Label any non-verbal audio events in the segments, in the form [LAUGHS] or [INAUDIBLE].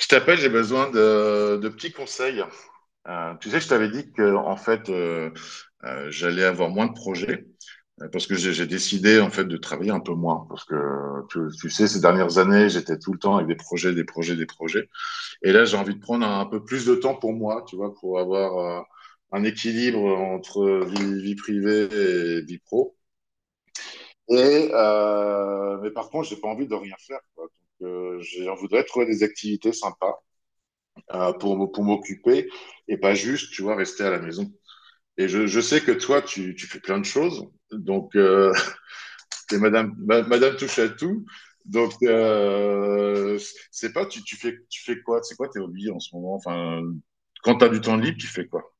Je t'appelle, j'ai besoin de petits conseils. Tu sais, je t'avais dit que en fait, j'allais avoir moins de projets parce que j'ai décidé en fait de travailler un peu moins parce que tu sais, ces dernières années, j'étais tout le temps avec des projets, des projets, des projets. Et là, j'ai envie de prendre un peu plus de temps pour moi, tu vois, pour avoir un équilibre entre vie privée et vie pro. Et mais par contre, j'ai pas envie de rien faire, quoi. Donc, je voudrais trouver des activités sympas pour m'occuper et pas juste, tu vois, rester à la maison. Et je sais que toi, tu fais plein de choses. Donc, [LAUGHS] t'es madame, madame touche à tout. Donc, c'est pas, tu fais quoi? C'est quoi tes hobbies en ce moment? Enfin, quand t'as du temps libre, tu fais quoi?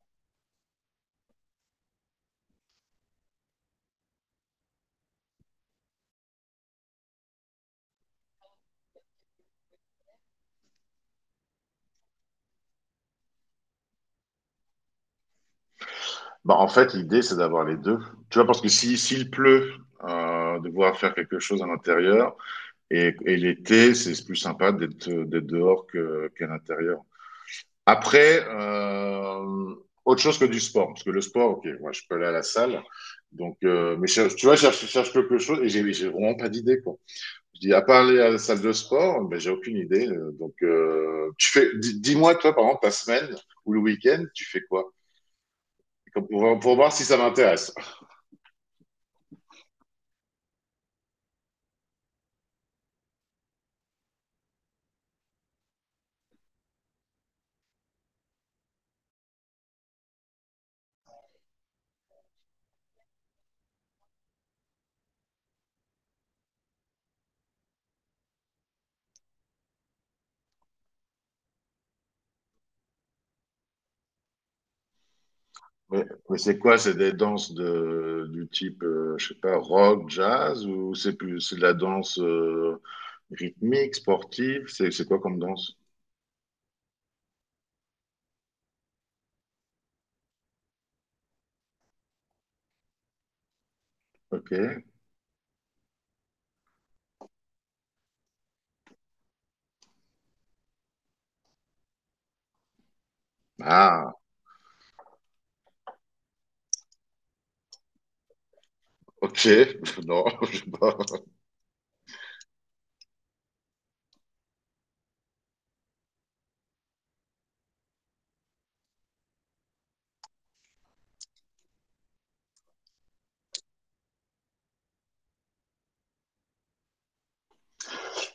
Bah, en fait, l'idée, c'est d'avoir les deux. Tu vois, parce que si, s'il pleut, devoir faire quelque chose à l'intérieur. Et l'été, c'est plus sympa d'être dehors qu'à l'intérieur. Après, autre chose que du sport, parce que le sport, ok, moi je peux aller à la salle, donc, tu vois, je cherche quelque chose et j'ai vraiment pas d'idée, quoi. Je dis, à part aller à la salle de sport, ben, j'ai aucune idée. Donc, dis-moi, toi, par exemple, ta semaine ou le week-end, tu fais quoi? Pour voir si ça m'intéresse. Mais c'est quoi? C'est des danses du type, je sais pas, rock, jazz, ou c'est de la danse rythmique, sportive? C'est quoi comme danse? Ok. Ah, ok. [LAUGHS] Non, je sais pas.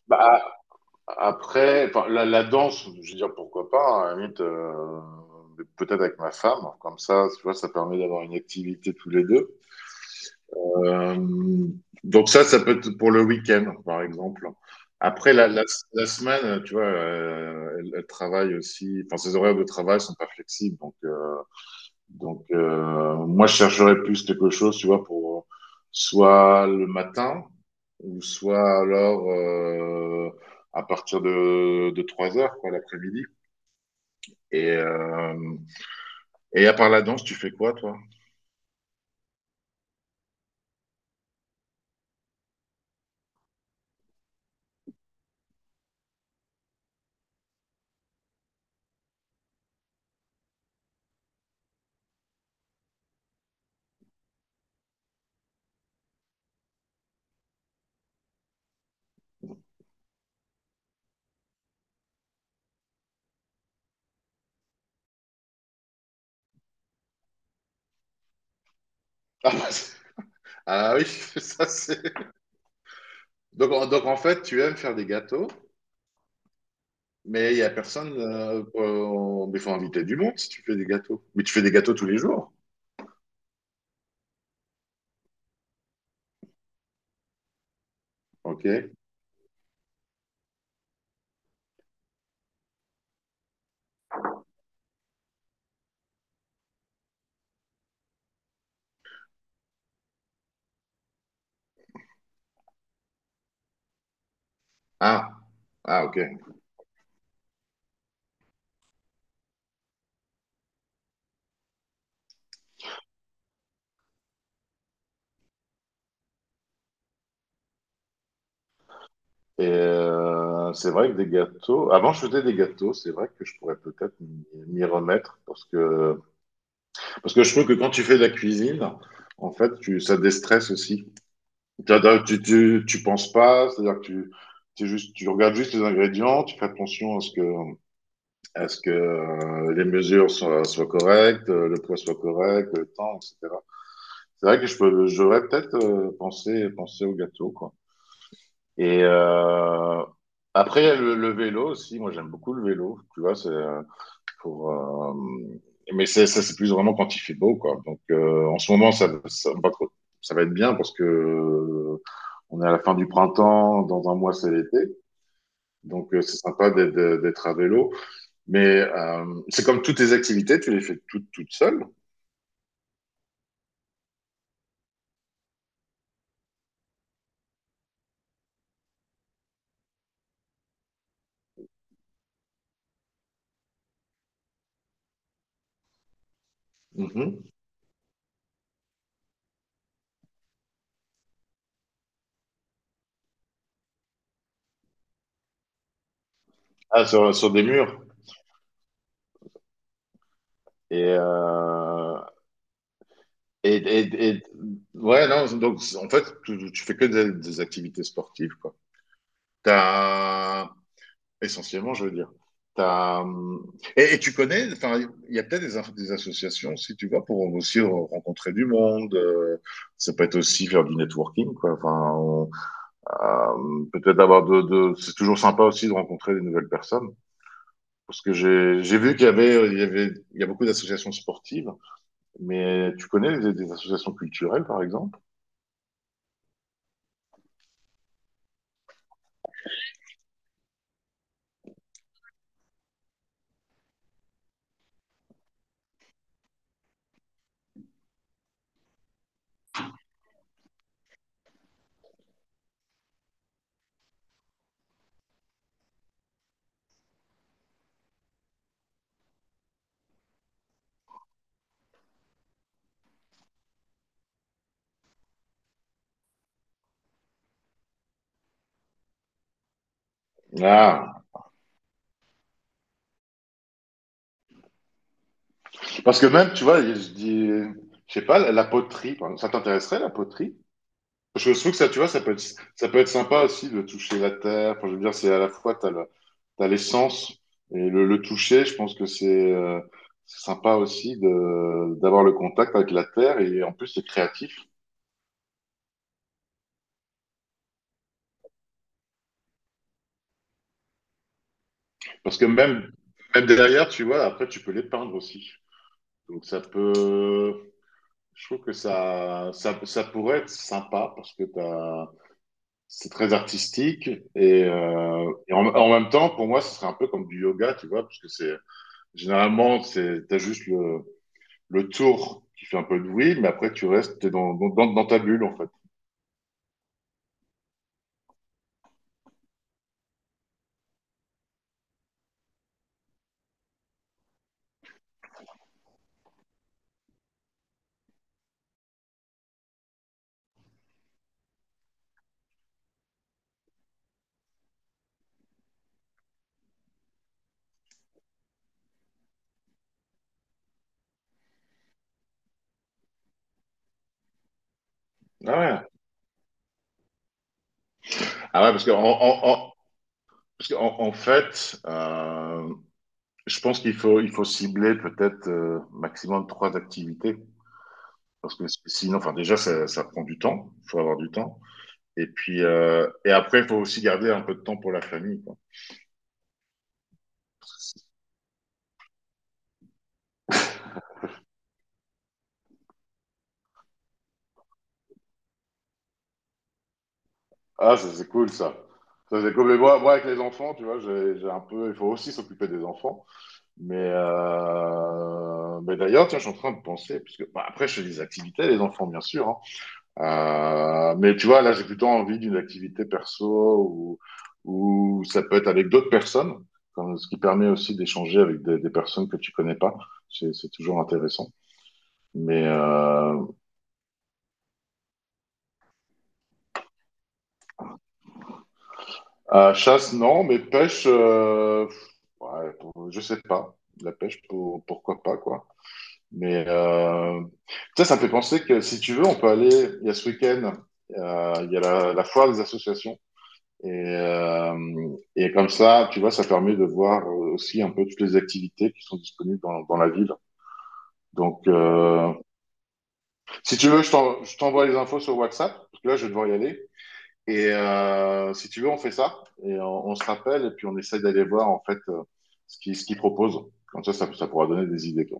Bah, après, enfin, la danse, je veux dire, pourquoi pas, hein, à la limite, mais peut-être avec ma femme, comme ça, tu vois, ça permet d'avoir une activité tous les deux. Euh, donc ça, ça peut être pour le week-end, par exemple. Après, la semaine, tu vois, elle travaille aussi, enfin, ses horaires de travail sont pas flexibles, donc, moi, je chercherais plus quelque chose, tu vois, pour soit le matin, ou soit alors à partir de 3 heures, quoi, l'après-midi. Et, euh, et à part la danse, tu fais quoi, toi? [LAUGHS] Ah, bah, ah oui, [LAUGHS] ça c'est. Donc, donc en fait, tu aimes faire des gâteaux, mais il n'y a personne. Mais il faut inviter du monde si tu fais des gâteaux. Mais tu fais des gâteaux tous les jours. Ok. Ah. Ah, ok. Et c'est vrai que des gâteaux. Avant, je faisais des gâteaux. C'est vrai que je pourrais peut-être m'y remettre parce que parce que je trouve que quand tu fais de la cuisine, en fait, ça déstresse aussi. Tu penses pas, c'est-à-dire que tu regardes juste les ingrédients, tu fais attention à ce que les mesures soient, soient correctes, le poids soit correct, le temps, etc. C'est vrai que je peux, j'aurais peut-être pensé au gâteau, quoi. Et après, il y a le vélo aussi. Moi, j'aime beaucoup le vélo. Tu vois, c'est, pour, mais c'est plus vraiment quand il fait beau, quoi. Donc, en ce moment, ça va être bien parce que on est à la fin du printemps, dans un mois, c'est l'été. Donc, c'est sympa d'être à vélo. Mais c'est comme toutes tes activités, tu les fais toutes, toutes seules. Mhm. Ah, sur des murs. Et, et, et, et- ouais, non, donc, en fait, tu fais que des activités sportives, quoi. T'as, essentiellement, je veux dire. T'as, et tu connais, enfin, il y a peut-être des associations si tu vas, pour aussi rencontrer du monde. Ça peut être aussi faire du networking, quoi. Peut-être avoir c'est toujours sympa aussi de rencontrer des nouvelles personnes. Parce que j'ai vu qu'il y avait, il y a beaucoup d'associations sportives, mais tu connais des associations culturelles, par exemple? Ah, parce que même, tu vois, je dis, je sais pas, la poterie, par exemple. Ça t'intéresserait, la poterie? Je trouve que ça, tu vois, ça peut être sympa aussi de toucher la terre. Enfin, je veux dire, c'est à la fois, t'as le, t'as l'essence et le toucher. Je pense que c'est sympa aussi d'avoir le contact avec la terre et en plus, c'est créatif. Parce que même, même derrière, tu vois, après, tu peux les peindre aussi. Donc, ça peut, je trouve que ça pourrait être sympa parce que t'as, c'est très artistique et en même temps, pour moi, ce serait un peu comme du yoga, tu vois, parce que c'est, généralement, c'est, t'as juste le tour qui fait un peu de bruit, mais après, tu restes t'es dans ta bulle, en fait. Ah ouais. Ah ouais, parce que parce que en fait, je pense qu'il faut, il faut cibler peut-être maximum trois activités. Parce que sinon, enfin, déjà, ça prend du temps. Il faut avoir du temps. Et puis, et après, il faut aussi garder un peu de temps pour la famille, quoi. Ah, ça, c'est cool, ça. Ça, c'est cool. Mais moi, avec les enfants, tu vois, j'ai un peu, il faut aussi s'occuper des enfants. Mais d'ailleurs, tiens, je suis en train de penser, parce que bah, après, je fais des activités, les enfants, bien sûr. Hein. Mais tu vois, là, j'ai plutôt envie d'une activité perso ou ça peut être avec d'autres personnes, comme- ce qui permet aussi d'échanger avec des personnes que tu connais pas. C'est toujours intéressant. Mais à chasse, non, mais pêche, ouais, pour- je sais pas. La pêche, pour- pourquoi pas, quoi. Mais ça, ça me fait penser que si tu veux, on peut aller. Il y a ce week-end, il y a la foire des associations. Et, euh, et comme ça, tu vois, ça permet de voir aussi un peu toutes les activités qui sont disponibles dans la ville. Donc, si tu veux, je t'envoie les infos sur WhatsApp, parce que là, je vais devoir y aller. Et si tu veux, on fait ça, et on se rappelle, et puis on essaie d'aller voir, en fait, ce qu'ils proposent. Comme ça, pourra donner des idées. Quoi.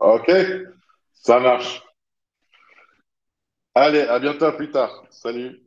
OK, ça marche. Allez, à bientôt, à plus tard. Salut.